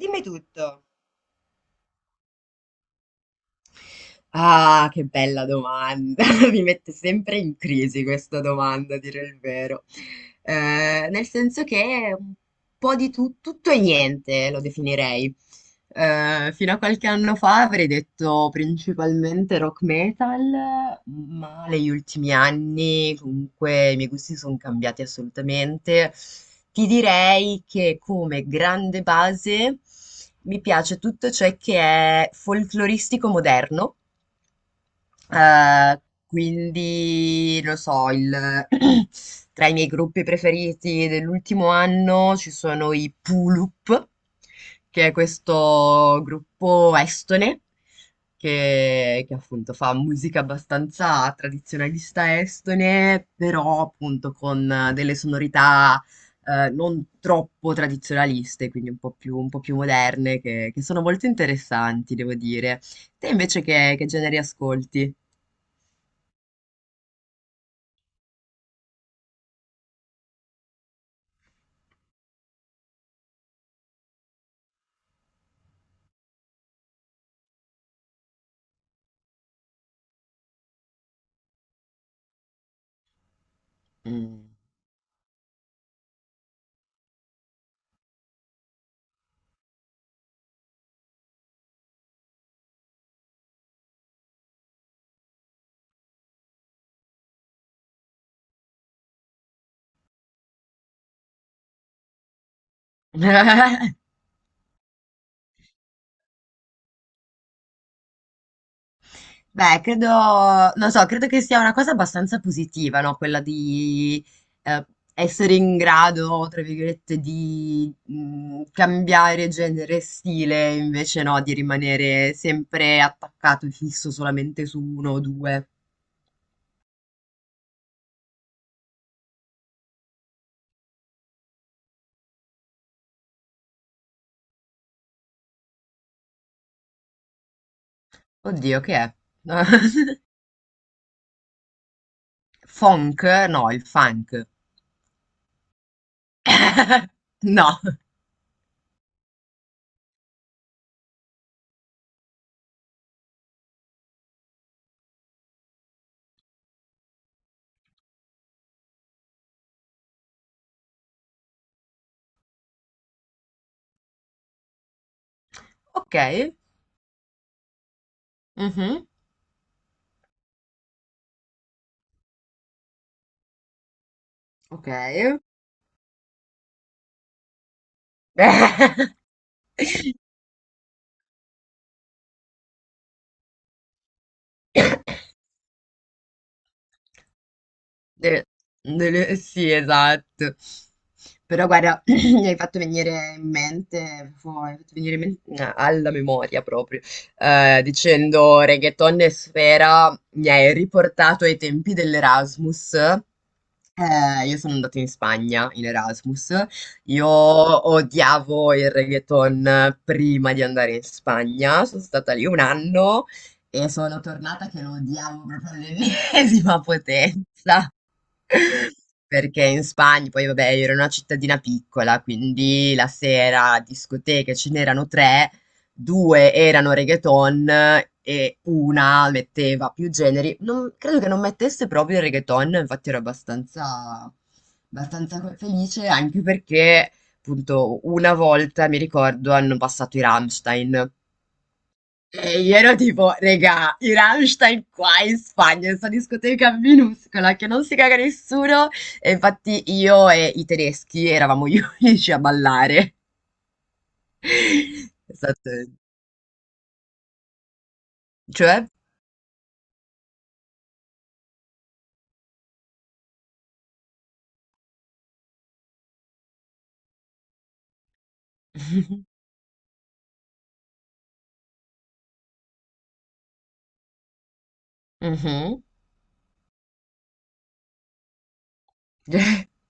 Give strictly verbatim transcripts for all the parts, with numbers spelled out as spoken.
Dimmi tutto. Ah, che bella domanda! Mi mette sempre in crisi questa domanda, a dire il vero. Eh, nel senso che un po' di tu- tutto e niente lo definirei. Eh, fino a qualche anno fa avrei detto principalmente rock metal, ma negli ultimi anni comunque i miei gusti sono cambiati assolutamente. Ti direi che come grande base mi piace tutto ciò che è folcloristico moderno, eh, quindi, lo so, il- tra i miei gruppi preferiti dell'ultimo anno ci sono i Pulup, che è questo gruppo estone che, che appunto fa musica abbastanza tradizionalista estone, però appunto con eh, delle sonorità eh, non troppo tradizionaliste, quindi un po' più, un po' più moderne, che, che sono molto interessanti, devo dire. Te invece che, che generi ascolti? Mm. Beh, credo, non so, credo che sia una cosa abbastanza positiva, no? Quella di eh, essere in grado, tra virgolette, di mm, cambiare genere e stile, invece no, di rimanere sempre attaccato e fisso solamente su uno o due. Oddio, che è? Funk? No, il funk. No. Ok. Mhm. Ok. De- delle- sì, esatto. Però guarda, mi hai fatto venire in mente, fu- mi hai fatto venire in mente alla memoria proprio, eh, dicendo reggaeton e sfera, mi hai riportato ai tempi dell'Erasmus. Eh, io sono andata in Spagna in Erasmus. Io odiavo il reggaeton prima di andare in Spagna. Sono stata lì un anno e sono tornata che lo odiavo proprio all'ennesima potenza. Perché in Spagna poi vabbè io ero in una cittadina piccola, quindi la sera discoteche ce n'erano tre, due erano reggaeton e una metteva più generi. Non- credo che non mettesse proprio il reggaeton, infatti ero abbastanza, abbastanza felice, anche perché appunto una volta mi ricordo hanno passato i Rammstein. E io ero tipo, regà, i Rammstein qua in Spagna, in questa discoteca minuscola che non si caga nessuno. E infatti io e i tedeschi eravamo gli unici a ballare. È stato- Cioè? Mhm.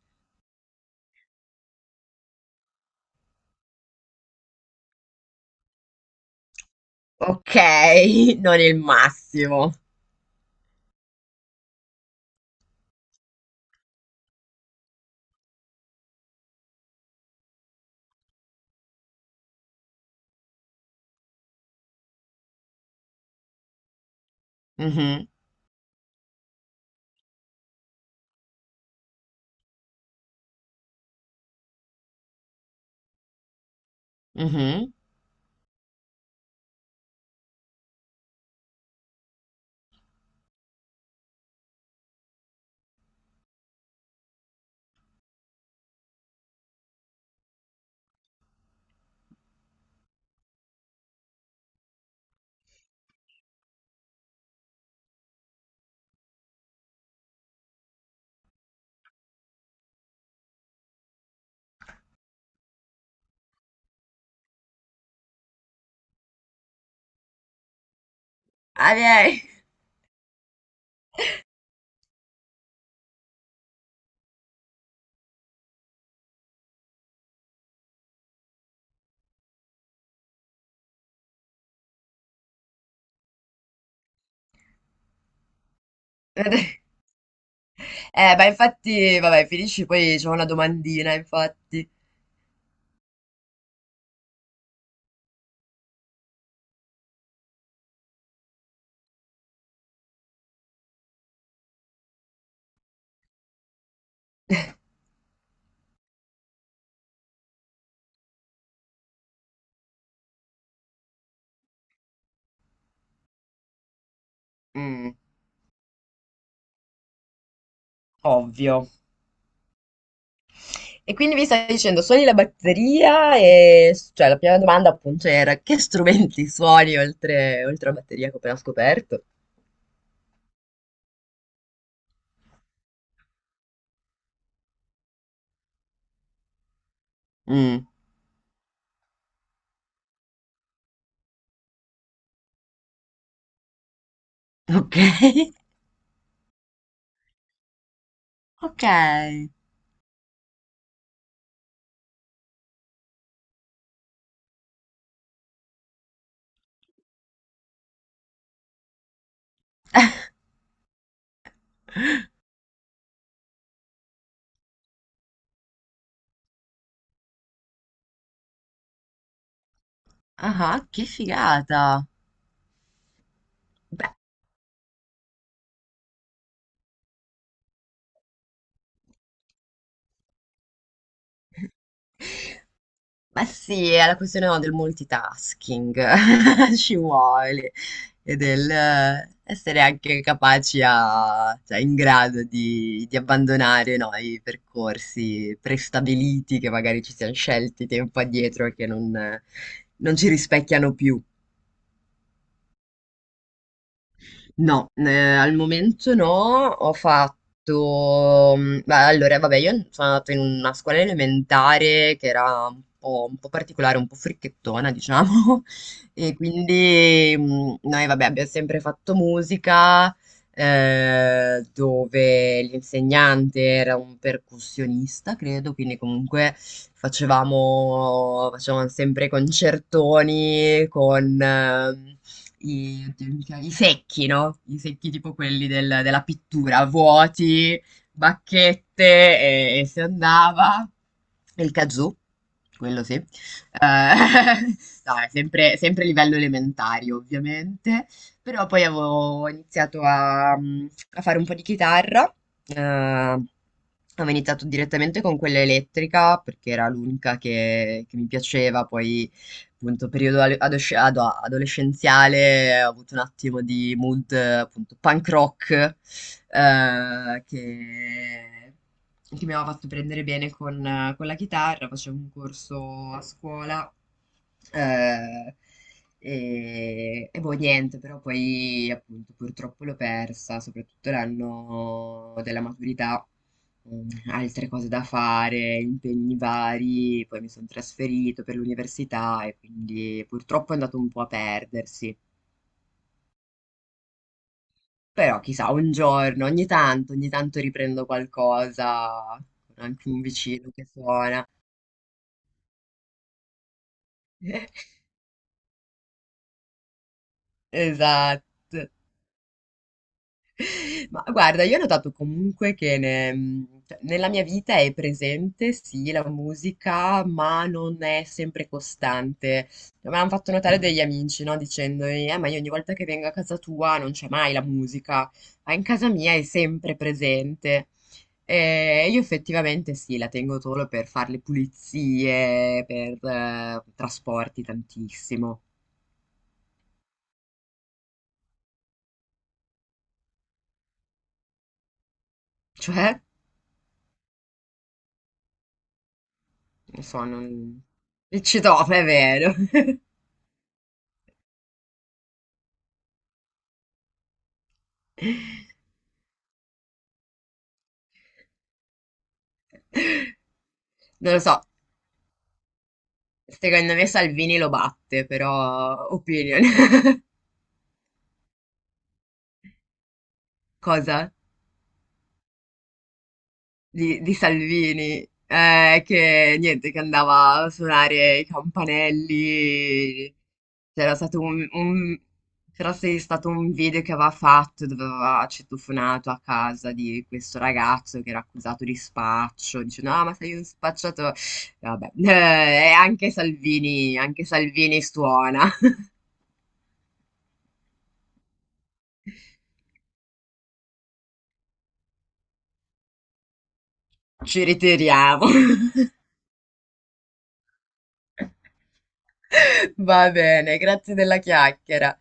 Ok, non il massimo. Mhm, mhm. Ah, beh. Eh, ma infatti, vabbè, finisci poi c'è una domandina, infatti. Mm, ovvio. E quindi mi stai dicendo, suoni la batteria e s- cioè, la prima domanda appunto era che strumenti suoni oltre, oltre la batteria che ho appena scoperto? Mm, ok. Ok. Ah, che figata. Ma sì, è la questione, no, del multitasking, ci vuole, e del eh, essere anche capaci a, cioè in grado di, di abbandonare, no, i percorsi prestabiliti che magari ci siamo scelti tempo addietro e che non, non ci rispecchiano più. No, eh, al momento no, ho fatto... mh, beh, allora, vabbè, io sono andata in una scuola elementare che era un po', un po' particolare, un po' fricchettona, diciamo, e quindi mh, noi, vabbè, abbiamo sempre fatto musica, eh, dove l'insegnante era un percussionista, credo, quindi comunque facevamo, facevamo sempre concertoni con eh, i, oddio, mi chiama- i secchi, no? I secchi tipo quelli del- della pittura, vuoti, bacchette e, e si andava. E il kazoo, quello sì. Eh, no, è sempre, sempre livello elementare, ovviamente. Però poi avevo iniziato a, mh, a fare un po' di chitarra, eh, avevo iniziato direttamente con quella elettrica perché era l'unica che, che mi piaceva, poi appunto periodo ale- adosce- ado- adolescenziale ho avuto un attimo di mood eh, appunto punk rock eh, che... che mi aveva fatto prendere bene con con la chitarra, facevo un corso a scuola. Eh, e, e boh, niente, però poi appunto purtroppo l'ho persa, soprattutto l'anno della maturità, mm, altre cose da fare, impegni vari, poi mi sono trasferito per l'università e quindi purtroppo è andato un po' a perdersi. Però chissà, un giorno, ogni tanto, ogni tanto riprendo qualcosa, con anche un vicino che suona. Esatto. Ma guarda, io ho notato comunque che ne- mh, cioè, nella mia vita è presente, sì, la musica, ma non è sempre costante. Me l'hanno fatto notare degli amici, no? Dicendomi, eh, ma io ogni volta che vengo a casa tua non c'è mai la musica, ma in casa mia è sempre presente. E io effettivamente sì, la tengo solo per fare le pulizie, per eh, trasporti tantissimo. Cioè, non so, non... Il citofono, è vero. Non lo so, secondo me Salvini lo batte, però opinion. Cosa? Di, di Salvini, eh, che niente, che andava a suonare i campanelli. C'era stato un, un- c'era se- stato un video che aveva fatto dove aveva citofonato a casa di questo ragazzo che era accusato di spaccio, dice no, ma sei un spacciatore. Vabbè, eh, e anche Salvini, anche Salvini suona. Ci ritiriamo. Va bene, grazie della chiacchiera.